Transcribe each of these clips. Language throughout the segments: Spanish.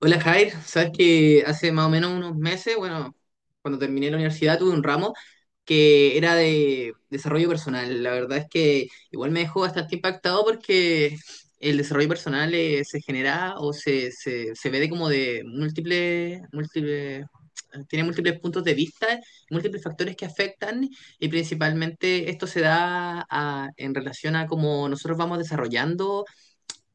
Hola Jair, sabes que hace más o menos unos meses, bueno, cuando terminé la universidad tuve un ramo que era de desarrollo personal. La verdad es que igual me dejó bastante impactado porque el desarrollo personal se genera o se ve de como de múltiples, tiene múltiples puntos de vista, múltiples factores que afectan y principalmente esto en relación a cómo nosotros vamos desarrollando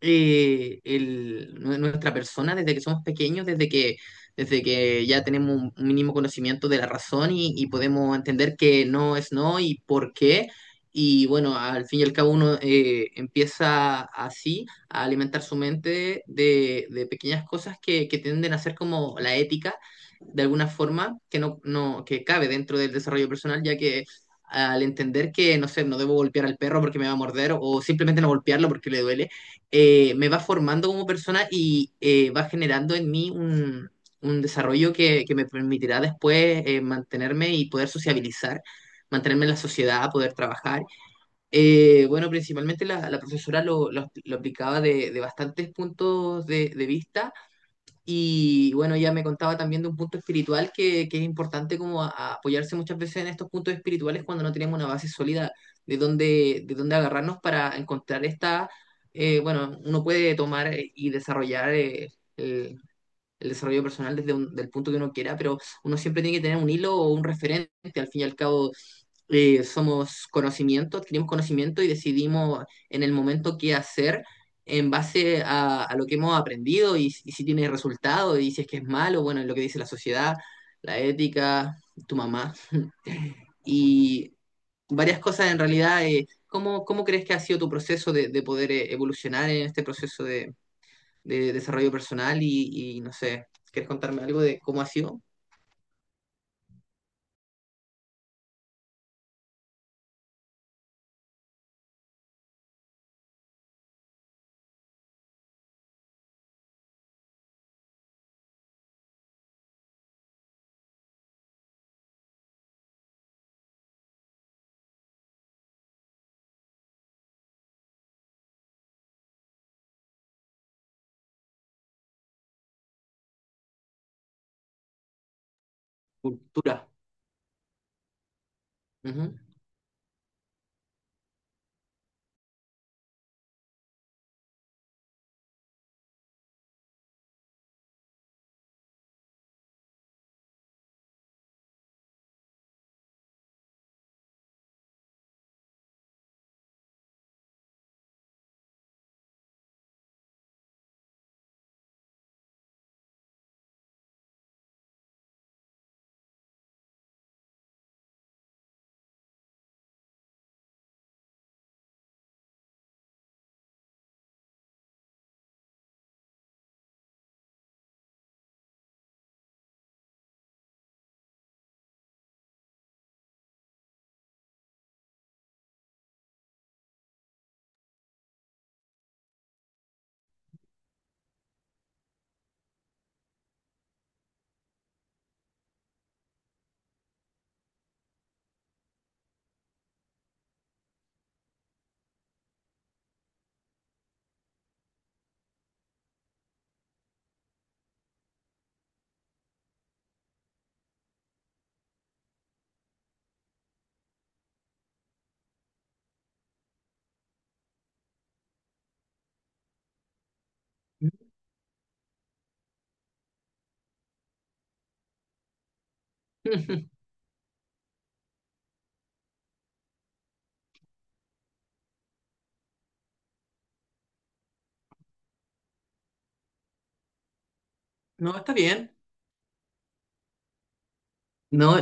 nuestra persona desde que somos pequeños, desde que ya tenemos un mínimo conocimiento de la razón y podemos entender que no es no y por qué. Y bueno, al fin y al cabo uno empieza así a alimentar su mente de pequeñas cosas que tienden a ser como la ética, de alguna forma, que no, no, que cabe dentro del desarrollo personal, ya que al entender que, no sé, no debo golpear al perro porque me va a morder o simplemente no golpearlo porque le duele me va formando como persona y va generando en mí un desarrollo que me permitirá después mantenerme y poder sociabilizar, mantenerme en la sociedad, poder trabajar. Bueno, principalmente la profesora lo aplicaba de bastantes puntos de vista. Y bueno, ella me contaba también de un punto espiritual que es importante a apoyarse muchas veces en estos puntos espirituales cuando no tenemos una base sólida de dónde agarrarnos para encontrar esta. Bueno, uno puede tomar y desarrollar el, el desarrollo personal desde del punto que uno quiera, pero uno siempre tiene que tener un hilo o un referente al fin y al cabo. Somos conocimiento, adquirimos conocimiento y decidimos en el momento qué hacer en base a lo que hemos aprendido y si tiene resultado y si es que es malo, bueno, lo que dice la sociedad, la ética, tu mamá y varias cosas en realidad. ¿Cómo, cómo crees que ha sido tu proceso de poder evolucionar en este proceso de desarrollo personal y no sé, quieres contarme algo de cómo ha sido? Cultura. Ujú. No, está bien. No,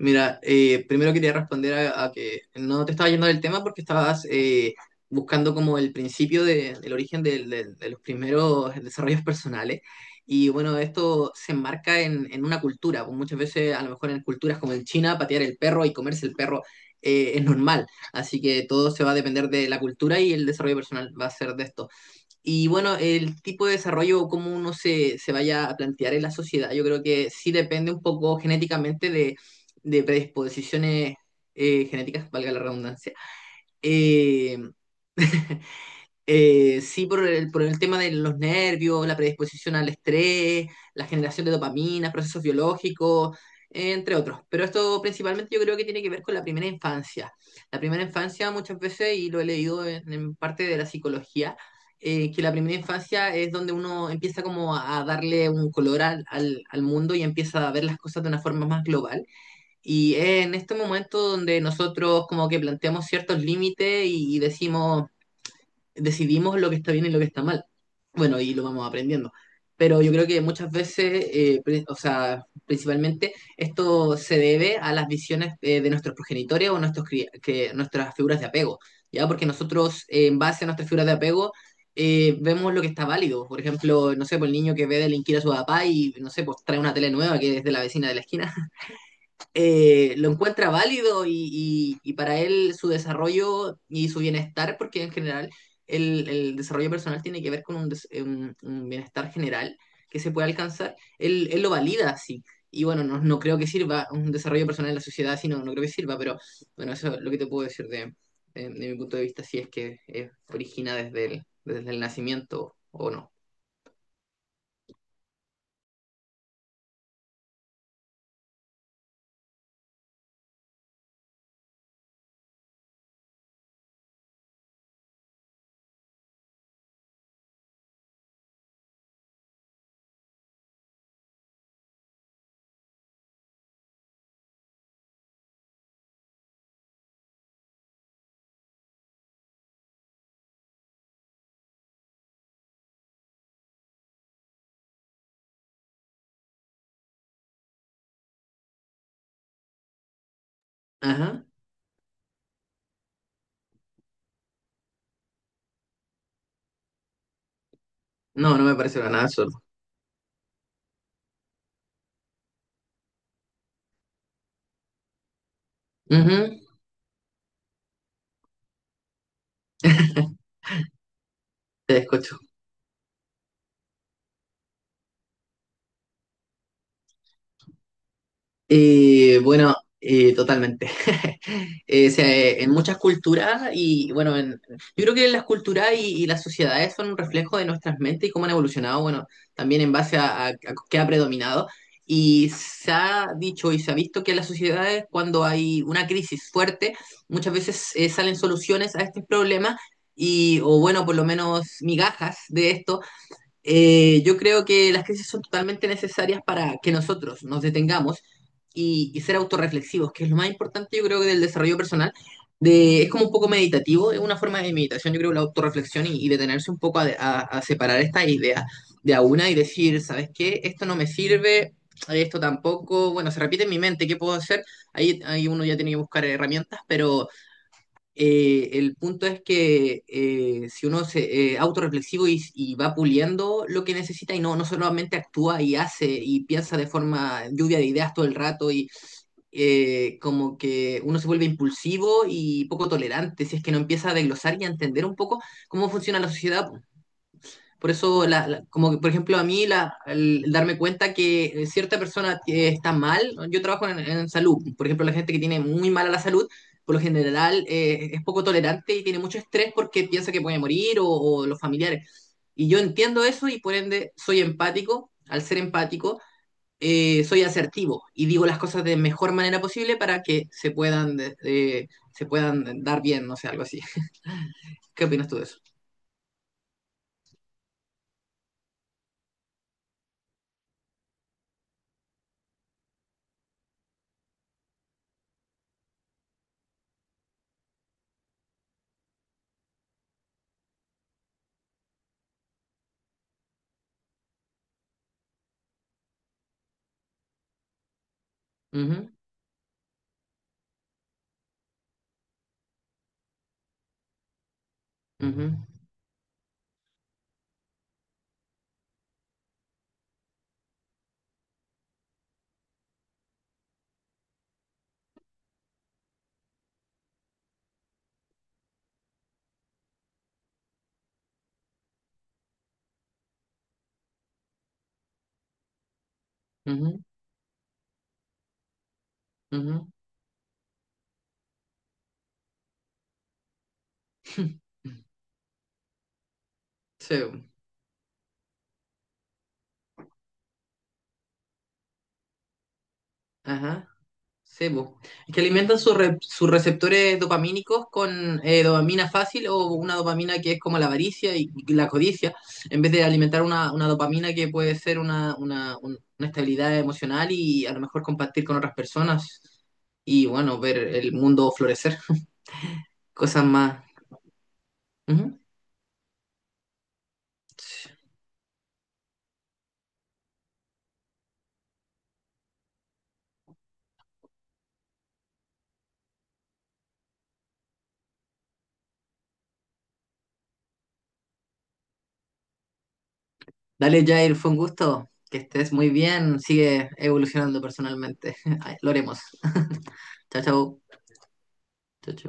mira, primero quería responder a que no te estaba yendo del tema porque estabas buscando como el principio de, el origen de los primeros desarrollos personales. Y bueno, esto se enmarca en una cultura. Pues muchas veces, a lo mejor en culturas como en China, patear el perro y comerse el perro es normal. Así que todo se va a depender de la cultura y el desarrollo personal va a ser de esto. Y bueno, el tipo de desarrollo o cómo uno se vaya a plantear en la sociedad, yo creo que sí depende un poco genéticamente de predisposiciones genéticas, valga la redundancia. Eh, sí, por por el tema de los nervios, la predisposición al estrés, la generación de dopamina, procesos biológicos, entre otros. Pero esto principalmente yo creo que tiene que ver con la primera infancia. La primera infancia muchas veces, y lo he leído en parte de la psicología, que la primera infancia es donde uno empieza como a darle un color al mundo y empieza a ver las cosas de una forma más global. Y es en este momento donde nosotros como que planteamos ciertos límites y decimos decidimos lo que está bien y lo que está mal. Bueno, y lo vamos aprendiendo. Pero yo creo que muchas veces, o sea, principalmente esto se debe a las visiones de nuestros progenitores o nuestras figuras de apego, ¿ya? Porque nosotros, en base a nuestras figuras de apego, vemos lo que está válido. Por ejemplo, no sé, por el niño que ve delinquir a su papá y, no sé, pues trae una tele nueva que es de la vecina de la esquina lo encuentra válido y, y para él su desarrollo y su bienestar, porque en general el desarrollo personal tiene que ver con un bienestar general que se puede alcanzar, él lo valida así. Y bueno, no, no creo que sirva un desarrollo personal en la sociedad, sino no creo que sirva, pero bueno, eso es lo que te puedo decir de, de mi punto de vista, si es que origina desde desde el nacimiento o no. Ajá. No, no me parece para nada absurdo. Ujú. Te escucho. Bueno, totalmente. O sea, en muchas culturas y bueno, yo creo que las culturas y las sociedades son un reflejo de nuestras mentes y cómo han evolucionado, bueno, también en base a qué ha predominado. Y se ha dicho y se ha visto que en las sociedades cuando hay una crisis fuerte, muchas veces salen soluciones a estos problemas y, o bueno, por lo menos migajas de esto. Yo creo que las crisis son totalmente necesarias para que nosotros nos detengamos y ser autorreflexivos, que es lo más importante, yo creo que del desarrollo personal. Es como un poco meditativo, es una forma de meditación, yo creo, la autorreflexión y detenerse un poco a separar esta idea de a una y decir, ¿sabes qué? Esto no me sirve, esto tampoco, bueno, se repite en mi mente, ¿qué puedo hacer? Ahí uno ya tiene que buscar herramientas, pero el punto es que si uno se autorreflexivo y va puliendo lo que necesita y no, no solamente actúa y hace y piensa de forma lluvia de ideas todo el rato y como que uno se vuelve impulsivo y poco tolerante, si es que no empieza a desglosar y a entender un poco cómo funciona la sociedad, por eso, como que, por ejemplo, a mí el darme cuenta que cierta persona está mal, ¿no? Yo trabajo en salud, por ejemplo, la gente que tiene muy mala la salud, por lo general es poco tolerante y tiene mucho estrés porque piensa que puede morir o los familiares. Y yo entiendo eso y por ende soy empático, al ser empático, soy asertivo y digo las cosas de mejor manera posible para que se puedan dar bien, no sé, algo así. ¿Qué opinas tú de eso? Ujú, ujú, ujú, ujú. Sí, ajá, sí, po. Es que alimentan sus receptores dopamínicos con dopamina fácil o una dopamina que es como la avaricia y la codicia, en vez de alimentar una dopamina que puede ser una estabilidad emocional y a lo mejor compartir con otras personas y bueno, ver el mundo florecer, cosas más. Ujú. Dale, Jair, fue un gusto, que estés muy bien, sigue evolucionando personalmente. Ay, lo haremos. Chao, chao. Chao, chao.